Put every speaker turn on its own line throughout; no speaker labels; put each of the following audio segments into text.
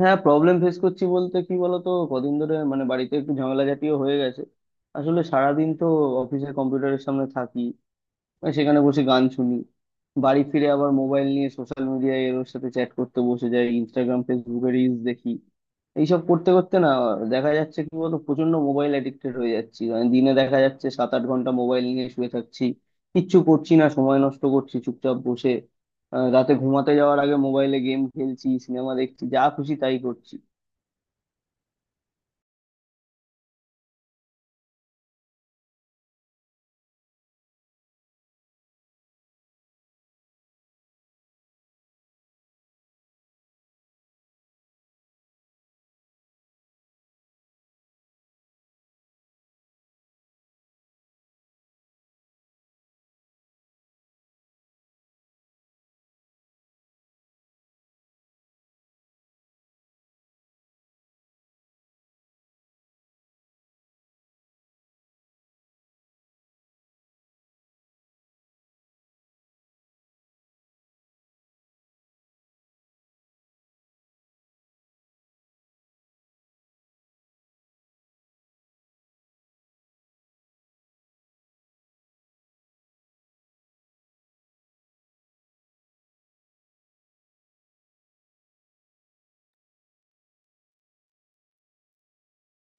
হ্যাঁ, problem face করছি বলতে কি বলতো, কদিন ধরে বাড়িতে একটু ঝামেলা জাতীয় হয়ে গেছে। আসলে সারাদিন তো অফিসের কম্পিউটারের সামনে থাকি, আর সেখানে বসে গান শুনি। বাড়ি ফিরে আবার মোবাইল নিয়ে সোশ্যাল মিডিয়ায় এর ওর সাথে চ্যাট করতে বসে যাই, ইনস্টাগ্রাম ফেসবুকে রিলস দেখি। এইসব করতে করতে না, দেখা যাচ্ছে কি বলতো, প্রচন্ড মোবাইল অ্যাডিক্টেড হয়ে যাচ্ছি। দিনে দেখা যাচ্ছে 7 8 ঘন্টা মোবাইল নিয়ে শুয়ে থাকছি, কিচ্ছু করছি না, সময় নষ্ট করছি চুপচাপ বসে। রাতে ঘুমাতে যাওয়ার আগে মোবাইলে গেম খেলছি, সিনেমা দেখছি, যা খুশি তাই করছি।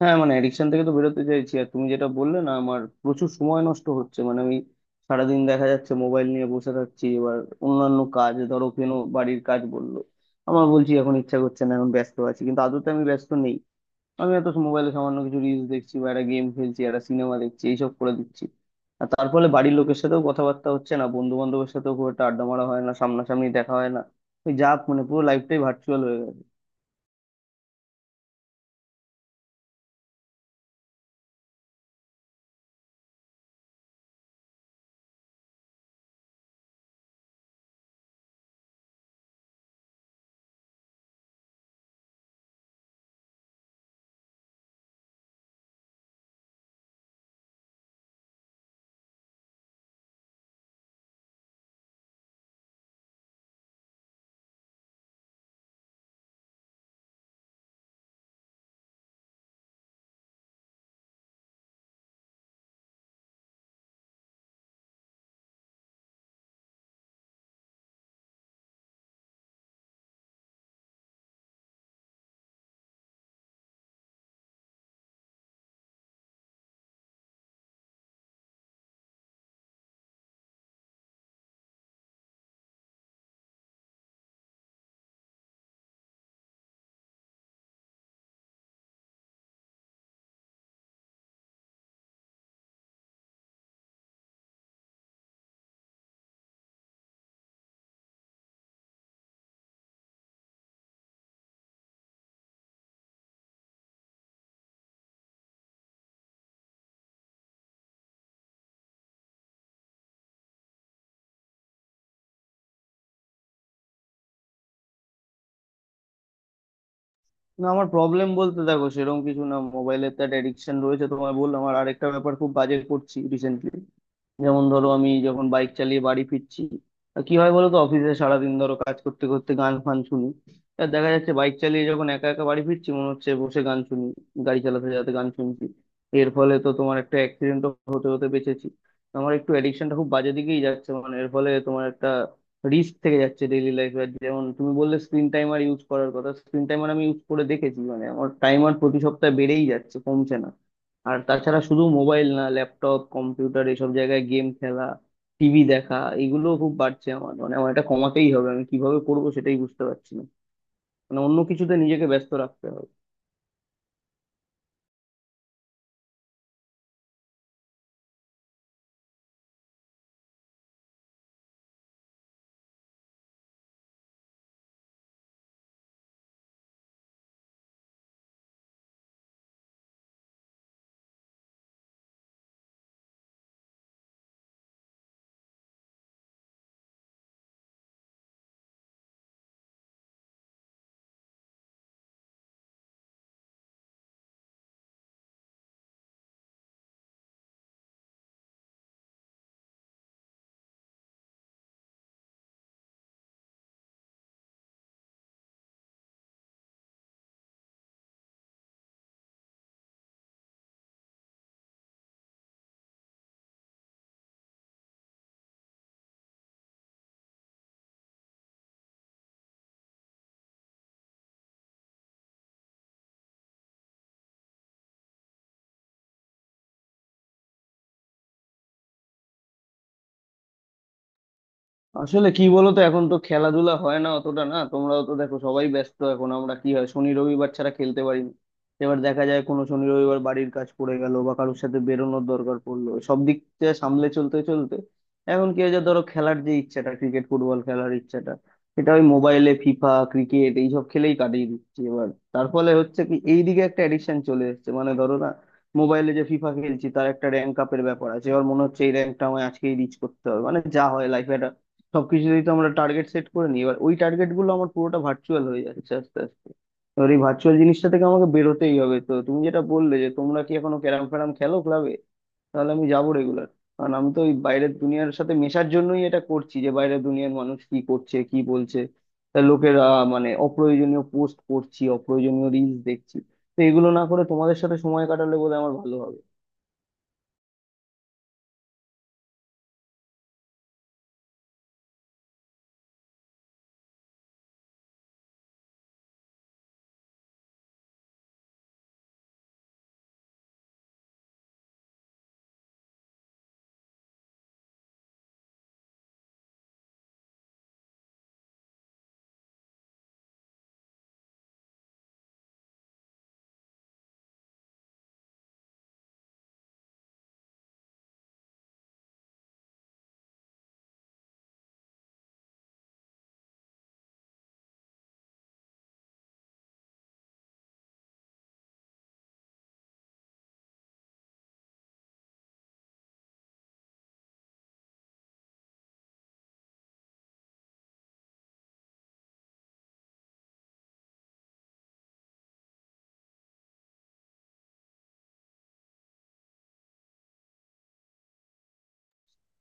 হ্যাঁ, অ্যাডিকশন থেকে তো বেরোতে চাইছি। আর তুমি যেটা বললে না, আমার প্রচুর সময় নষ্ট হচ্ছে। আমি সারাদিন দেখা যাচ্ছে মোবাইল নিয়ে বসে থাকছি। এবার অন্যান্য কাজ ধরো কেন, বাড়ির কাজ বললো আমার, বলছি এখন ইচ্ছা করছে না, এখন ব্যস্ত আছি, কিন্তু আদতে আমি ব্যস্ত নেই। আমি এত মোবাইলে সামান্য কিছু রিলস দেখছি বা একটা গেম খেলছি, একটা সিনেমা দেখছি, এইসব করে দিচ্ছি। আর তার ফলে বাড়ির লোকের সাথেও কথাবার্তা হচ্ছে না, বন্ধু বান্ধবের সাথেও খুব একটা আড্ডা মারা হয় না, সামনাসামনি দেখা হয় না। ওই যা, পুরো লাইফটাই ভার্চুয়াল হয়ে গেছে। না, আমার প্রবলেম বলতে দেখো সেরকম কিছু না। মোবাইলের তো একটা অ্যাডিকশন রয়েছে, তোমায় বললাম। আর আরেকটা ব্যাপার খুব বাজে করছি রিসেন্টলি, যেমন ধরো আমি যখন বাইক চালিয়ে বাড়ি ফিরছি, কি হয় বলো তো, অফিসে সারাদিন ধরো কাজ করতে করতে গান ফান শুনি। আর দেখা যাচ্ছে বাইক চালিয়ে যখন একা একা বাড়ি ফিরছি, মনে হচ্ছে বসে গান শুনি। গাড়ি চালাতে চালাতে গান শুনছি, এর ফলে তো তোমার একটা অ্যাক্সিডেন্ট হতে হতে বেঁচেছি। আমার একটু অ্যাডিকশনটা খুব বাজে দিকেই যাচ্ছে। এর ফলে তোমার একটা রিস্ক থেকে যাচ্ছে ডেইলি লাইফে। যেমন তুমি বললে স্ক্রিন টাইমার ইউজ করার কথা, স্ক্রিন টাইমার আমি ইউজ করে দেখেছি, আমার টাইমার প্রতি সপ্তাহে বেড়েই যাচ্ছে, কমছে না। আর তাছাড়া শুধু মোবাইল না, ল্যাপটপ কম্পিউটার এসব জায়গায় গেম খেলা, টিভি দেখা, এগুলো খুব বাড়ছে আমার। আমার এটা কমাতেই হবে, আমি কিভাবে করবো সেটাই বুঝতে পারছি না। অন্য কিছুতে নিজেকে ব্যস্ত রাখতে হবে। আসলে কি বলতো, এখন তো খেলাধুলা হয় না অতটা। না, তোমরাও তো দেখো সবাই ব্যস্ত এখন। আমরা কি হয়, শনি রবিবার ছাড়া খেলতে পারি না। এবার দেখা যায় কোনো শনি রবিবার বাড়ির কাজ পড়ে গেল বা কারোর সাথে বেরোনোর দরকার পড়লো, সব দিক থেকে সামলে চলতে চলতে এখন কি হয়েছে, ধরো খেলার যে ইচ্ছাটা, ক্রিকেট ফুটবল খেলার ইচ্ছাটা, এটা ওই মোবাইলে ফিফা ক্রিকেট এইসব খেলেই কাটিয়ে দিচ্ছি। এবার তার ফলে হচ্ছে কি, এইদিকে একটা এডিকশন চলে এসেছে। ধরো না, মোবাইলে যে ফিফা খেলছি, তার একটা র্যাঙ্ক আপের ব্যাপার আছে। এবার মনে হচ্ছে এই র্যাঙ্কটা আমায় আজকেই রিচ করতে হবে। যা হয় লাইফে, সবকিছুতেই তো আমরা টার্গেট সেট করে নিই। এবার ওই টার্গেট গুলো আমার পুরোটা ভার্চুয়াল হয়ে যাচ্ছে আস্তে আস্তে। এবার এই ভার্চুয়াল জিনিসটা থেকে আমাকে বেরোতেই হবে। তো তুমি যেটা বললে যে তোমরা কি এখনো ক্যারাম ফ্যারাম খেলো ক্লাবে, তাহলে আমি যাবো রেগুলার। কারণ আমি তো ওই বাইরের দুনিয়ার সাথে মেশার জন্যই এটা করছি, যে বাইরের দুনিয়ার মানুষ কি করছে কি বলছে। তা লোকেরা, অপ্রয়োজনীয় পোস্ট করছি, অপ্রয়োজনীয় রিলস দেখছি, তো এগুলো না করে তোমাদের সাথে সময় কাটালে বোধহয় আমার ভালো হবে।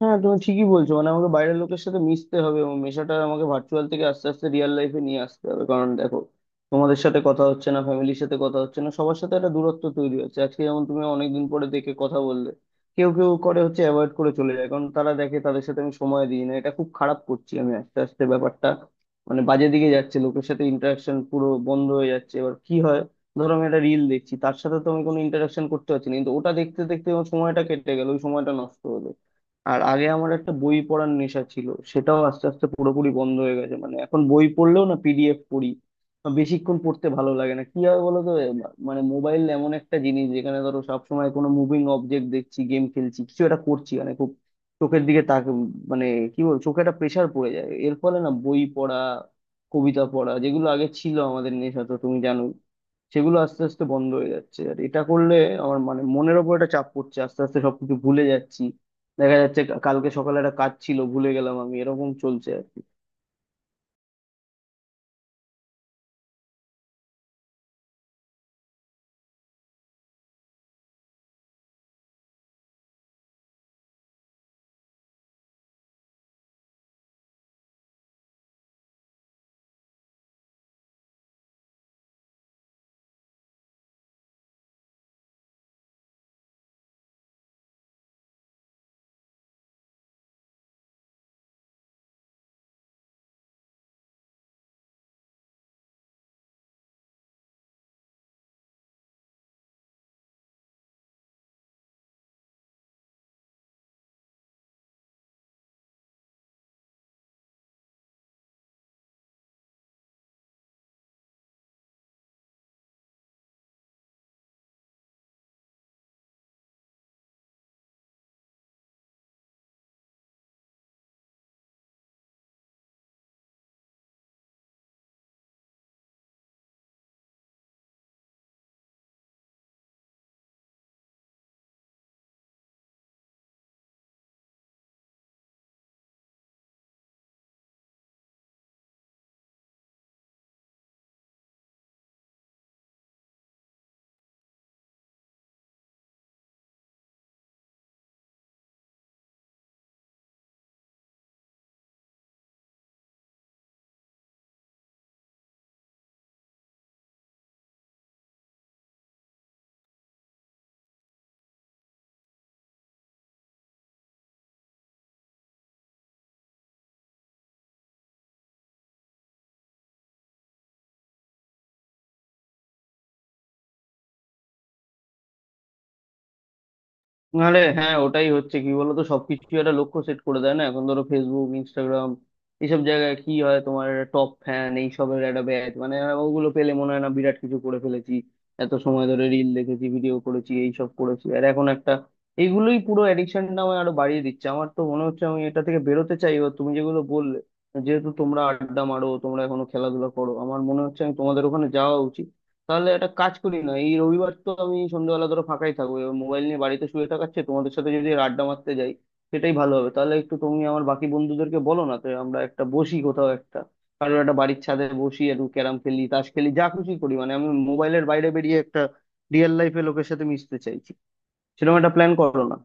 হ্যাঁ, তুমি ঠিকই বলছো। আমাকে বাইরের লোকের সাথে মিশতে হবে, এবং মেশাটা আমাকে ভার্চুয়াল থেকে আস্তে আস্তে রিয়েল লাইফে নিয়ে আসতে হবে। কারণ দেখো, তোমাদের সাথে কথা হচ্ছে না, ফ্যামিলির সাথে কথা হচ্ছে না, সবার সাথে একটা দূরত্ব তৈরি হচ্ছে। আজকে যেমন তুমি অনেকদিন পরে দেখে কথা বললে, কেউ কেউ করে হচ্ছে অ্যাভয়েড করে চলে যায়, কারণ তারা দেখে তাদের সাথে আমি সময় দিই না। এটা খুব খারাপ করছি আমি, আস্তে আস্তে ব্যাপারটা বাজে দিকে যাচ্ছে। লোকের সাথে ইন্টারাকশন পুরো বন্ধ হয়ে যাচ্ছে। এবার কি হয়, ধরো আমি একটা রিল দেখছি, তার সাথে তো আমি কোনো ইন্টারাকশন করতে পারছি না, কিন্তু ওটা দেখতে দেখতে আমার সময়টা কেটে গেল, ওই সময়টা নষ্ট হলো। আর আগে আমার একটা বই পড়ার নেশা ছিল, সেটাও আস্তে আস্তে পুরোপুরি বন্ধ হয়ে গেছে। এখন বই পড়লেও না PDF পড়ি বা বেশিক্ষণ পড়তে ভালো লাগে না। কি হয় বলো তো, মানে মোবাইল এমন একটা জিনিস যেখানে ধরো সবসময় কোনো মুভিং অবজেক্ট দেখছি, গেম খেলছি, কিছু একটা করছি। খুব চোখের দিকে তাক, মানে কি বল চোখে একটা প্রেশার পড়ে যায়। এর ফলে না বই পড়া, কবিতা পড়া, যেগুলো আগে ছিল আমাদের নেশা, তো তুমি জানো, সেগুলো আস্তে আস্তে বন্ধ হয়ে যাচ্ছে। আর এটা করলে আমার মনের ওপর একটা চাপ পড়ছে, আস্তে আস্তে সবকিছু ভুলে যাচ্ছি। দেখা যাচ্ছে কালকে সকালে একটা কাজ ছিল, ভুলে গেলাম আমি। এরকম চলছে আর কি। আরে হ্যাঁ, ওটাই হচ্ছে কি বলতো, সবকিছু একটা লক্ষ্য সেট করে দেয় না। এখন ধরো ফেসবুক ইনস্টাগ্রাম এইসব জায়গায় কি হয়, তোমার টপ ফ্যান এইসবের একটা ব্যাচ, ওগুলো পেলে মনে হয় না বিরাট কিছু করে ফেলেছি। এত সময় ধরে রিল দেখেছি, ভিডিও করেছি, এইসব করেছি, আর এখন একটা এইগুলোই পুরো অ্যাডিকশনটা আমায় আরো বাড়িয়ে দিচ্ছে। আমার তো মনে হচ্ছে আমি এটা থেকে বেরোতে চাই। এবার তুমি যেগুলো বললে, যেহেতু তোমরা আড্ডা মারো, তোমরা এখনো খেলাধুলা করো, আমার মনে হচ্ছে আমি তোমাদের ওখানে যাওয়া উচিত। তাহলে একটা কাজ করি না, এই রবিবার তো আমি সন্ধ্যেবেলা ধরো ফাঁকাই থাকবো, এবার মোবাইল নিয়ে বাড়িতে শুয়ে থাকার চেয়ে তোমাদের সাথে যদি এর আড্ডা মারতে যাই, সেটাই ভালো হবে। তাহলে একটু তুমি আমার বাকি বন্ধুদেরকে বলো না, তো আমরা একটা বসি কোথাও একটা, কারোর একটা বাড়ির ছাদে বসি, একটু ক্যারাম খেলি, তাস খেলি, যা খুশি করি। আমি মোবাইলের বাইরে বেরিয়ে একটা রিয়েল লাইফে লোকের সাথে মিশতে চাইছি। সেরকম একটা প্ল্যান করো না।